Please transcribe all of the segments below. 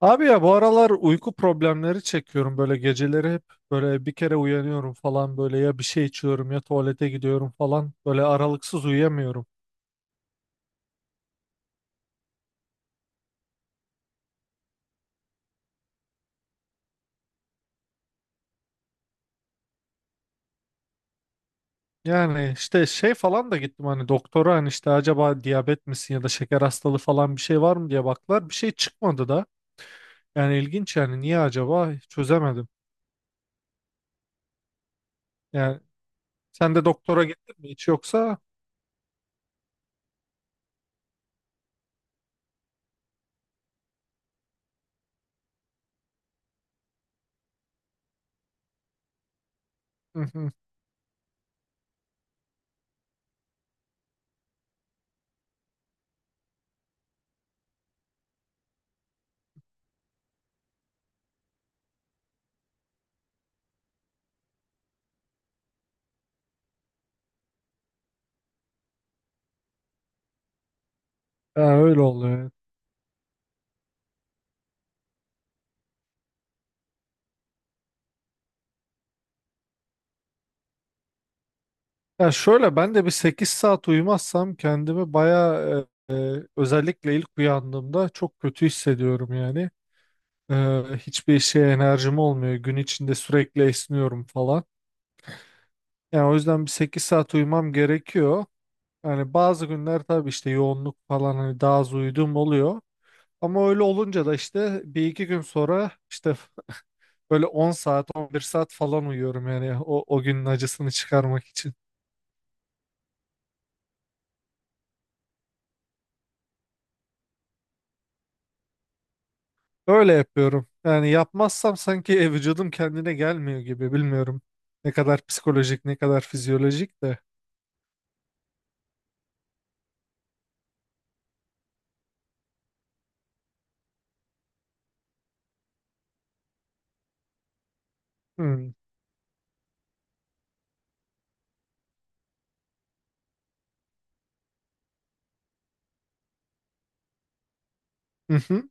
Abi ya bu aralar uyku problemleri çekiyorum böyle geceleri hep böyle bir kere uyanıyorum falan böyle ya bir şey içiyorum ya tuvalete gidiyorum falan böyle aralıksız uyuyamıyorum. Yani işte şey falan da gittim hani doktora hani işte acaba diyabet misin ya da şeker hastalığı falan bir şey var mı diye baktılar bir şey çıkmadı da yani ilginç yani niye acaba çözemedim. Yani sen de doktora gittin mi hiç yoksa? Hı hı. Ha, öyle oluyor. Ya şöyle ben de bir 8 saat uyumazsam kendimi bayağı özellikle ilk uyandığımda çok kötü hissediyorum yani. E, Hiçbir işe enerjim olmuyor. Gün içinde sürekli esniyorum falan. Yani o yüzden bir 8 saat uyumam gerekiyor. Yani bazı günler tabii işte yoğunluk falan hani daha az uyuduğum oluyor. Ama öyle olunca da işte bir iki gün sonra işte böyle 10 saat 11 saat falan uyuyorum yani o günün acısını çıkarmak için. Öyle yapıyorum. Yani yapmazsam sanki vücudum kendine gelmiyor gibi bilmiyorum. Ne kadar psikolojik ne kadar fizyolojik de. Hmm. Hı hı.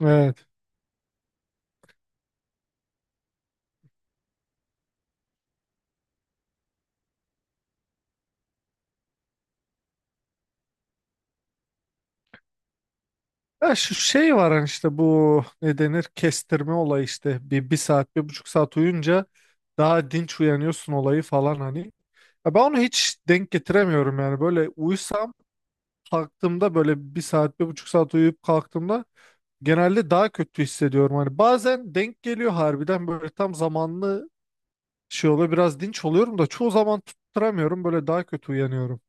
Evet. Ya şu şey var hani işte bu ne denir kestirme olayı işte bir saat bir buçuk saat uyunca daha dinç uyanıyorsun olayı falan hani. Ya ben onu hiç denk getiremiyorum yani böyle uyusam kalktığımda böyle bir saat bir buçuk saat uyuyup kalktığımda genelde daha kötü hissediyorum. Hani bazen denk geliyor harbiden böyle tam zamanlı şey oluyor biraz dinç oluyorum da çoğu zaman tutturamıyorum böyle daha kötü uyanıyorum.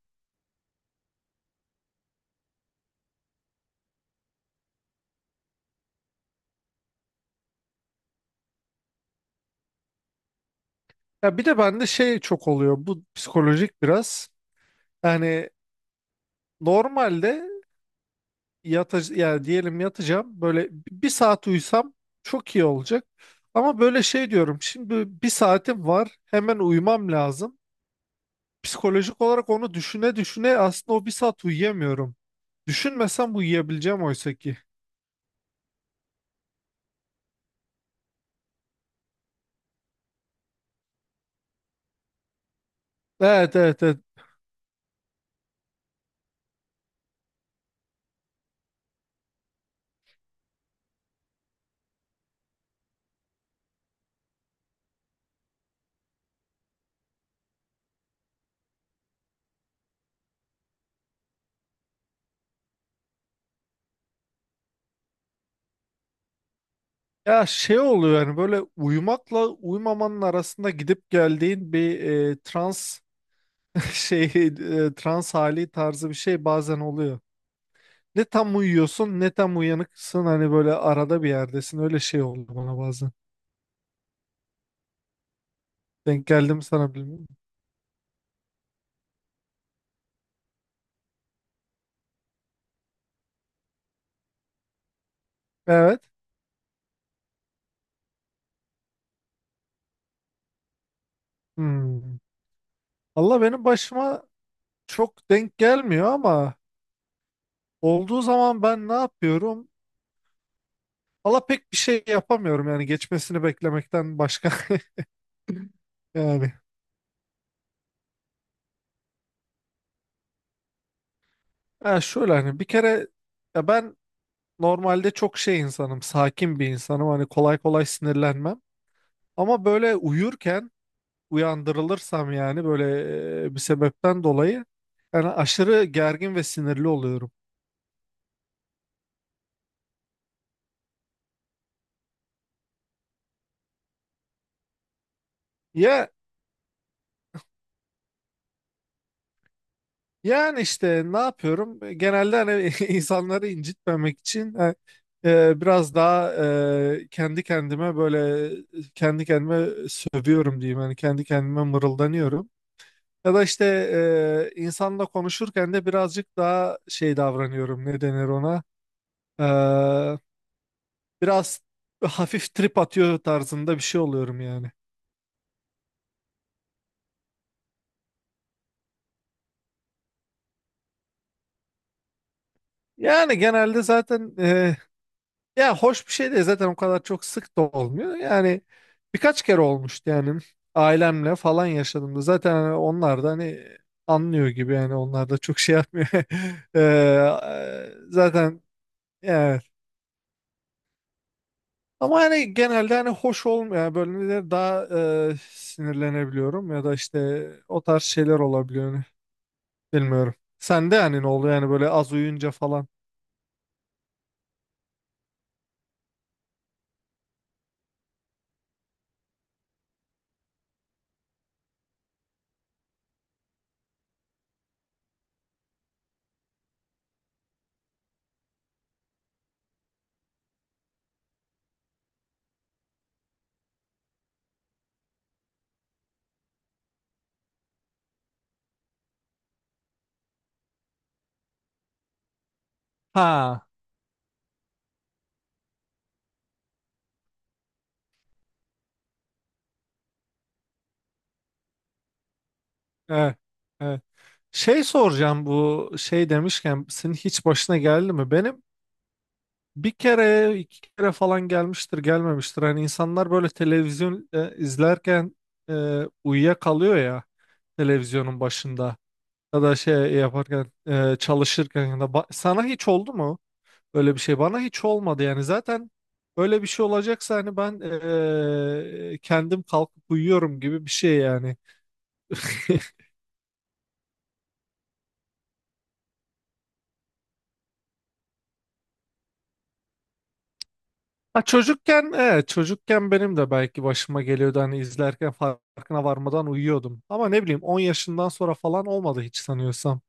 Ya bir de bende şey çok oluyor bu psikolojik biraz yani normalde yatacağım yani diyelim yatacağım böyle bir saat uyusam çok iyi olacak. Ama böyle şey diyorum şimdi bir saatim var hemen uyumam lazım. Psikolojik olarak onu düşüne düşüne aslında o bir saat uyuyamıyorum. Düşünmesem uyuyabileceğim oysa ki. Evet, evet, evet. Ya şey oluyor yani böyle uyumakla uyumamanın arasında gidip geldiğin bir trans şey trans hali tarzı bir şey bazen oluyor. Ne tam uyuyorsun ne tam uyanıksın hani böyle arada bir yerdesin öyle şey oldu bana bazen. Denk geldim sana bilmiyorum. Evet. Hmm. Allah benim başıma çok denk gelmiyor ama olduğu zaman ben ne yapıyorum? Allah pek bir şey yapamıyorum yani geçmesini beklemekten başka yani. Ha şöyle hani bir kere ya ben normalde çok şey insanım, sakin bir insanım. Hani kolay kolay sinirlenmem. Ama böyle uyurken uyandırılırsam yani böyle bir sebepten dolayı yani aşırı gergin ve sinirli oluyorum. Ya yani işte ne yapıyorum? Genelde hani insanları incitmemek için biraz daha kendi kendime böyle kendi kendime sövüyorum diyeyim. Hani kendi kendime mırıldanıyorum. Ya da işte insanla konuşurken de birazcık daha şey davranıyorum. Ne denir ona? E, Biraz hafif trip atıyor tarzında bir şey oluyorum yani. Yani genelde zaten ya hoş bir şey de zaten o kadar çok sık da olmuyor. Yani birkaç kere olmuştu yani ailemle falan yaşadığımda. Zaten hani onlar da hani anlıyor gibi yani onlar da çok şey yapmıyor. Zaten yani. Ama hani genelde hani hoş olmayan bölümde daha sinirlenebiliyorum ya da işte o tarz şeyler olabiliyor hani. Bilmiyorum. Sende yani ne oluyor yani böyle az uyuyunca falan. Ha, evet, evet. Şey soracağım bu şey demişken senin hiç başına geldi mi? Benim bir kere iki kere falan gelmiştir gelmemiştir. Hani insanlar böyle televizyon izlerken uyuyakalıyor ya televizyonun başında ya da şey yaparken çalışırken ya da sana hiç oldu mu? Öyle bir şey bana hiç olmadı yani zaten öyle bir şey olacaksa hani ben kendim kalkıp uyuyorum gibi bir şey yani. Ha, çocukken evet çocukken benim de belki başıma geliyordu hani izlerken farkına varmadan uyuyordum. Ama ne bileyim 10 yaşından sonra falan olmadı hiç sanıyorsam.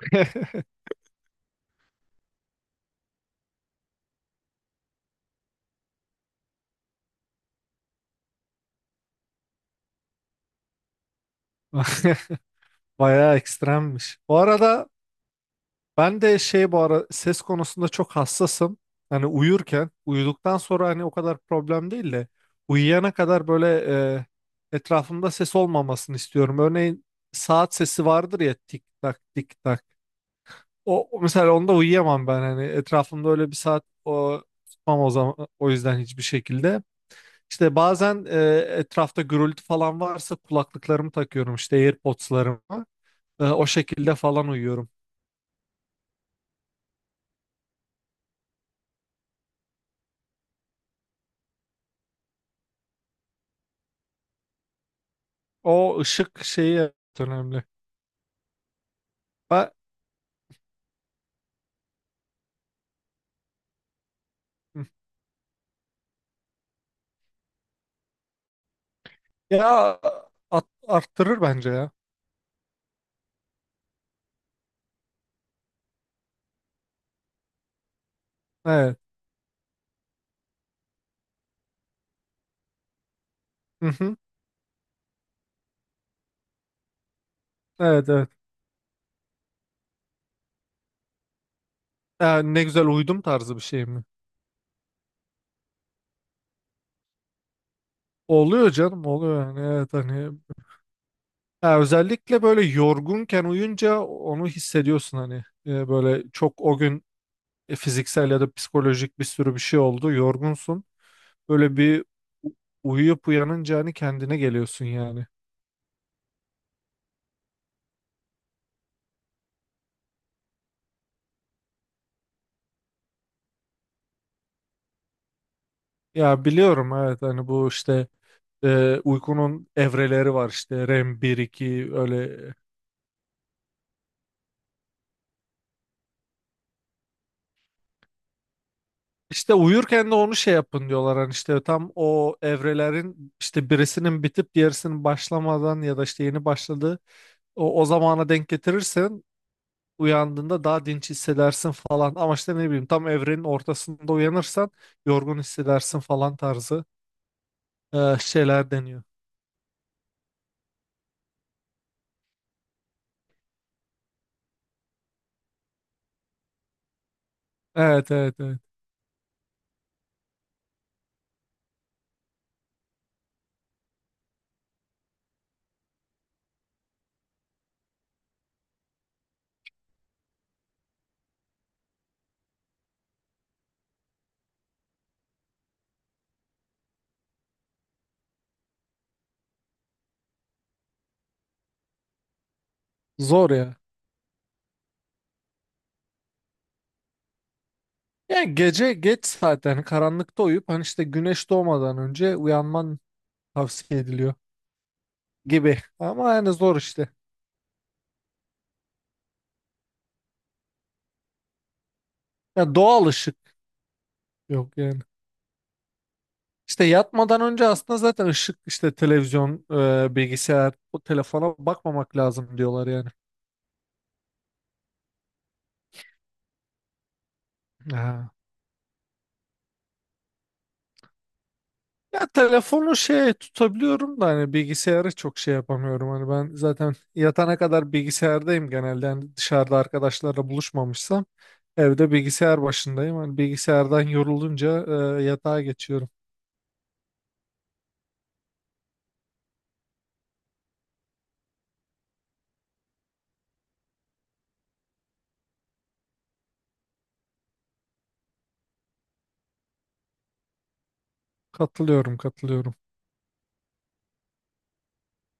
Bayağı ekstremmiş. Bu arada ben de şey bu ara ses konusunda çok hassasım. Hani uyurken, uyuduktan sonra hani o kadar problem değil de uyuyana kadar böyle etrafımda ses olmamasını istiyorum. Örneğin saat sesi vardır ya tik tak tik tak. O mesela onda uyuyamam ben hani etrafımda öyle bir saat o tutmam o zaman o yüzden hiçbir şekilde. İşte bazen etrafta gürültü falan varsa kulaklıklarımı takıyorum işte AirPods'larımı. O şekilde falan uyuyorum. O ışık şeyi evet önemli. Ba- ya Arttırır bence ya. Evet. Hı hı. Evet, evet. Ya ne güzel uyudum tarzı bir şey mi? Oluyor canım oluyor yani evet hani ya özellikle böyle yorgunken uyunca onu hissediyorsun hani. Böyle çok o gün fiziksel ya da psikolojik bir sürü bir şey oldu yorgunsun böyle bir u- uyuyup uyanınca hani kendine geliyorsun yani. Ya biliyorum evet hani bu işte uykunun evreleri var işte REM bir 2 öyle. İşte uyurken de onu şey yapın diyorlar hani işte tam o evrelerin işte birisinin bitip diğerisinin başlamadan ya da işte yeni başladığı o zamana denk getirirsen uyandığında daha dinç hissedersin falan ama işte ne bileyim tam evrenin ortasında uyanırsan yorgun hissedersin falan tarzı şeyler deniyor. Evet, evet, evet, zor ya. Yani gece geç saatte hani karanlıkta uyup hani işte güneş doğmadan önce uyanman tavsiye ediliyor gibi ama yani zor işte. Ya doğal ışık yok yani. İşte yatmadan önce aslında zaten ışık işte televizyon, bilgisayar, o telefona bakmamak lazım diyorlar yani. Aha. Ya telefonu şey tutabiliyorum da hani bilgisayarı çok şey yapamıyorum. Hani ben zaten yatana kadar bilgisayardayım genelde. Hani dışarıda arkadaşlarla buluşmamışsam evde bilgisayar başındayım. Hani bilgisayardan yorulunca yatağa geçiyorum. Katılıyorum, katılıyorum.